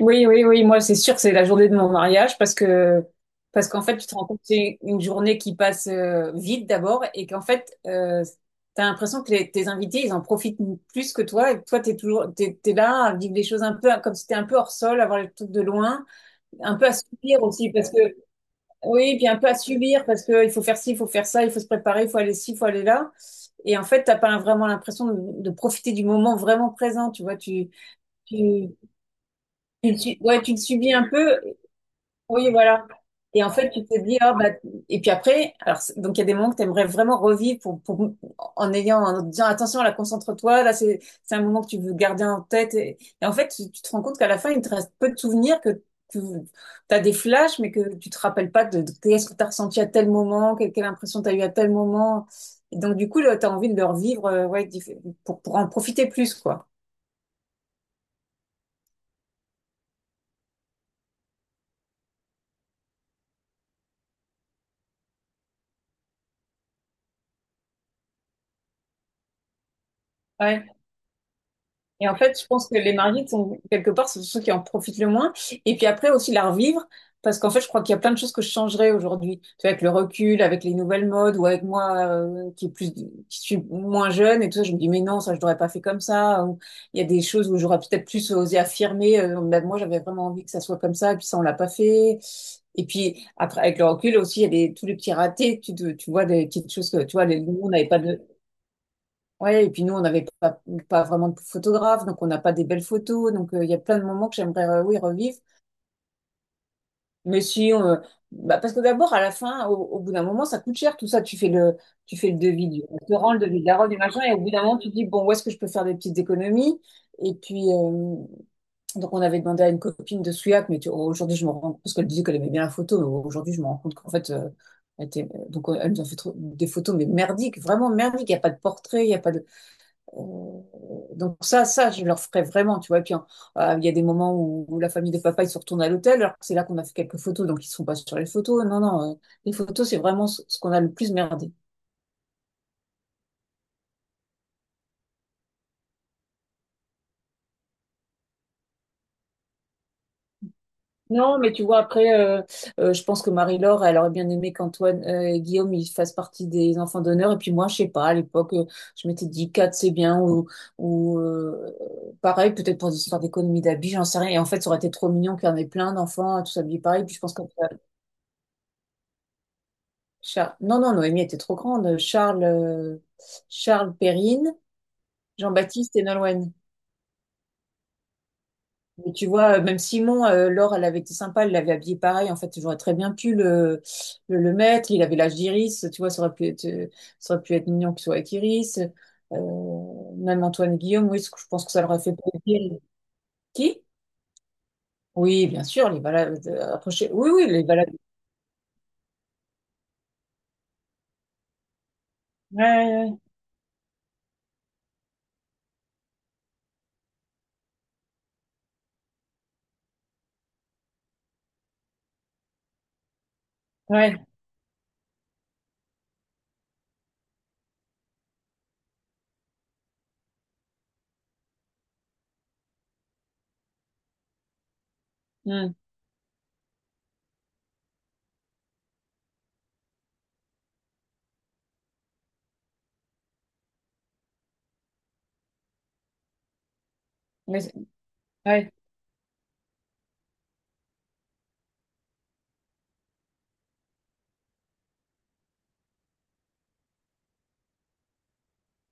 Oui, oui, oui, moi c'est sûr que c'est la journée de mon mariage, parce qu'en fait tu te rends compte que c'est une journée qui passe vite d'abord, et qu'en fait t'as l'impression que tes invités ils en profitent plus que toi, et que toi t'es toujours t'es là à vivre des choses un peu comme si t'étais un peu hors sol, à voir les trucs de loin, un peu à subir aussi parce que oui, puis un peu à subir parce que il faut faire ci, il faut faire ça, il faut se préparer, il faut aller ci, il faut aller là. Et en fait, t'as pas vraiment l'impression de profiter du moment vraiment présent, tu vois, tu, ouais, tu le subis un peu, oui, voilà. Et en fait, tu te dis, ah bah, et puis après, alors, donc il y a des moments que tu aimerais vraiment revivre pour, en ayant, en disant, attention, là, concentre-toi, là, c'est un moment que tu veux garder en tête. Et en fait, tu te rends compte qu'à la fin, il te reste peu de souvenirs, que tu as des flashs, mais que tu te rappelles pas de qu'est-ce que tu as ressenti à tel moment, quelle impression tu as eue à tel moment. Et donc, du coup, là, tu as envie de le revivre, ouais, pour en profiter plus, quoi. Ouais. Et en fait, je pense que les mariés sont quelque part, c'est ceux qui en profitent le moins. Et puis après aussi la revivre, parce qu'en fait, je crois qu'il y a plein de choses que je changerais aujourd'hui. Tu vois, avec le recul, avec les nouvelles modes, ou avec moi qui est plus, qui suis moins jeune et tout ça, je me dis mais non, ça je l'aurais pas fait comme ça. Ou il y a des choses où j'aurais peut-être plus osé affirmer. Ben, moi, j'avais vraiment envie que ça soit comme ça, et puis ça on l'a pas fait. Et puis après, avec le recul aussi, il y a tous les petits ratés. Tu vois des petites choses que tu vois, nous, on n'avait pas de. Ouais, et puis nous, on n'avait pas vraiment de photographe, donc on n'a pas des belles photos. Donc il y a plein de moments que j'aimerais, oui, revivre. Mais si, bah, parce que d'abord, à la fin, au bout d'un moment, ça coûte cher tout ça. Tu fais le devis du restaurant, le devis de la robe, du machin, et au bout d'un moment, tu te dis, bon, où est-ce que je peux faire des petites économies? Et puis, donc on avait demandé à une copine de Souillac, mais aujourd'hui, je me rends compte, parce qu'elle disait qu'elle aimait bien la photo, mais aujourd'hui, je me rends compte qu'en fait, donc elle nous a fait des photos, mais merdiques, vraiment merdiques. Il n'y a pas de portrait, il n'y a pas de. Euh, donc ça, je leur ferai vraiment, tu vois. Et puis, hein, il y a des moments où la famille de papa, ils se retournent à l'hôtel, alors que c'est là qu'on a fait quelques photos, donc ils ne sont pas sur les photos. Non, non, les photos, c'est vraiment ce qu'on a le plus merdé. Non, mais tu vois, après, je pense que Marie-Laure, elle aurait bien aimé qu'Antoine et Guillaume, ils fassent partie des enfants d'honneur. Et puis moi, je sais pas, à l'époque, je m'étais dit 4 c'est bien, ou, pareil, peut-être pour des histoires d'économie d'habits, j'en sais rien. Et en fait, ça aurait été trop mignon qu'il y en ait plein d'enfants, tous habillés pareil. Puis je pense que. Non, non, Noémie était trop grande. Charles Perrine, Jean-Baptiste et Nolwenn. Mais tu vois, même Simon, Laure, elle avait été sympa, elle l'avait habillé pareil. En fait, j'aurais très bien pu le mettre. Il avait l'âge d'Iris, tu vois, ça aurait pu être, ça aurait pu être mignon qu'il soit avec Iris. Même Antoine et Guillaume, oui, je pense que ça leur aurait fait plaisir. Qui? Oui, bien sûr, les balades approchées. Oui, oui, les balades. Ouais, ouais, ouais. Hmm. Mais- ouais,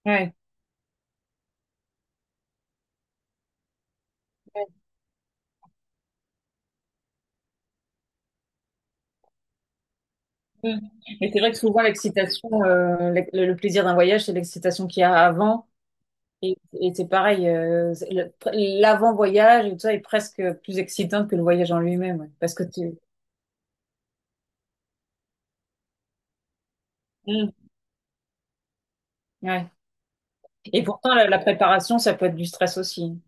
ouais. Ouais. Mm. Mais c'est vrai que souvent l'excitation, le plaisir d'un voyage, c'est l'excitation qu'il y a avant. Et c'est pareil, c'est l'avant-voyage et tout ça est presque plus excitant que le voyage en lui-même. Ouais. Parce que tu. Mm. Ouais. Et pourtant, la préparation, ça peut être du stress aussi.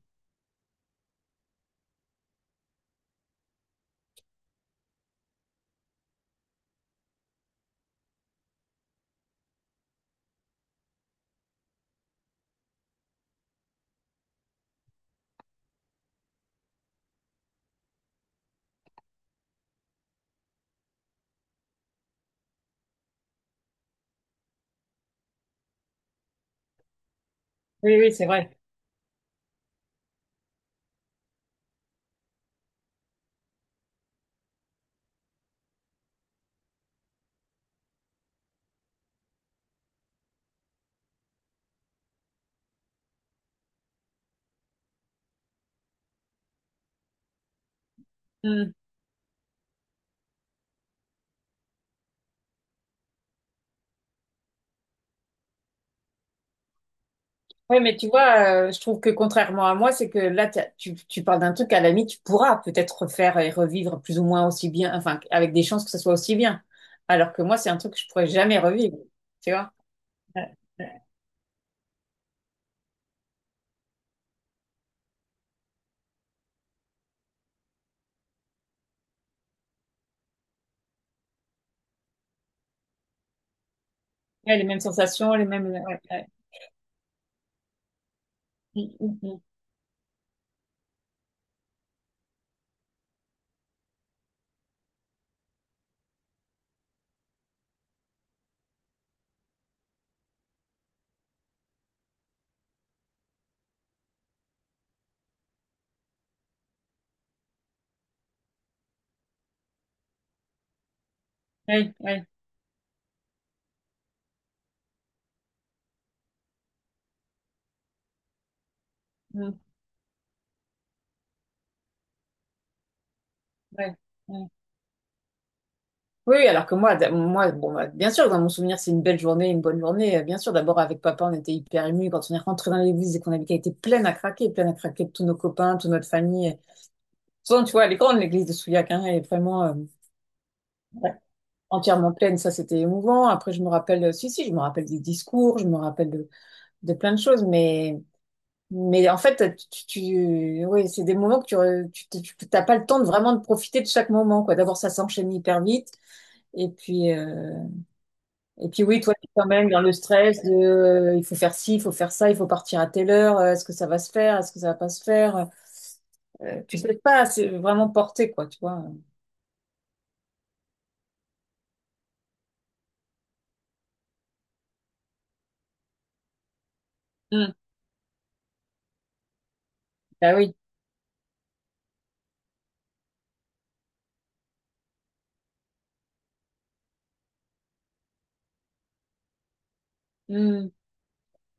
Oui, oui, c'est vrai. Mm. Ouais, mais tu vois, je trouve que contrairement à moi, c'est que là, tu parles d'un truc, à la limite, tu pourras peut-être refaire et revivre plus ou moins aussi bien, enfin, avec des chances que ça soit aussi bien. Alors que moi, c'est un truc que je pourrais jamais revivre. Tu vois. Ouais, ouais. Ouais, les mêmes sensations, les mêmes. Ouais, ouais. Mm, mm, mm. Ouais, ouais, mm, ouais, ouais. Oui, oui, alors que moi, moi, bon, bah, bien sûr, dans mon souvenir, c'est une belle journée, une bonne journée. Bien sûr, d'abord avec papa, on était hyper émus quand on est rentré dans l'église et qu'on avait vu qu'elle était pleine à craquer de tous nos copains, toute notre famille. Souvent, tu vois, elle est grande, l'église de Souillac, hein, elle est vraiment ouais, entièrement pleine. Ça, c'était émouvant. Après, je me rappelle, si, si, je me rappelle des discours, je me rappelle de plein de choses, mais. Mais en fait, oui, c'est des moments que tu, re- tu- tu- t'as pas le temps de vraiment de profiter de chaque moment, quoi. D'abord, ça s'enchaîne hyper vite. Et puis, euh, et puis, oui, toi, tu es quand même dans le stress de, il faut faire ci, il faut faire ça, il faut partir à telle heure, est-ce que ça va se faire, est-ce que ça va pas se faire? Tu sais pas, c'est vraiment porté, quoi, tu vois. Mm. Bah oui.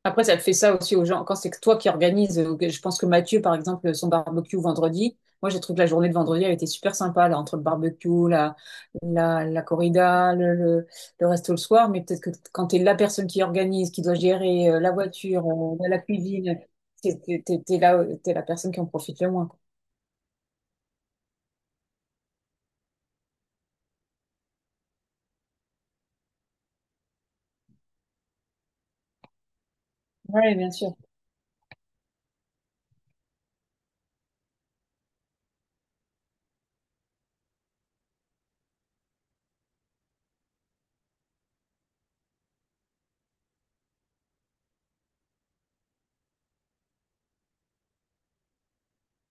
Après, ça te fait ça aussi aux gens. Quand c'est que toi qui organise. Je pense que Mathieu, par exemple, son barbecue vendredi, moi, j'ai trouvé que la journée de vendredi, elle était super sympa, là, entre le barbecue, la corrida, le resto le soir. Mais peut-être que quand t'es la personne qui organise, qui doit gérer la voiture, la cuisine, t'es là, t'es la personne qui en profite le moins, quoi. Ouais, bien sûr.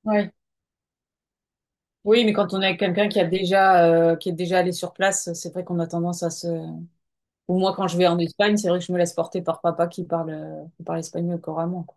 Ouais. Oui, mais quand on est avec quelqu'un qui est déjà allé sur place, c'est vrai qu'on a tendance à se. Ou moi, quand je vais en Espagne, c'est vrai que je me laisse porter par papa qui parle espagnol couramment, quoi.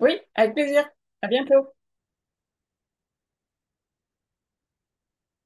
Oui, avec plaisir. À bientôt.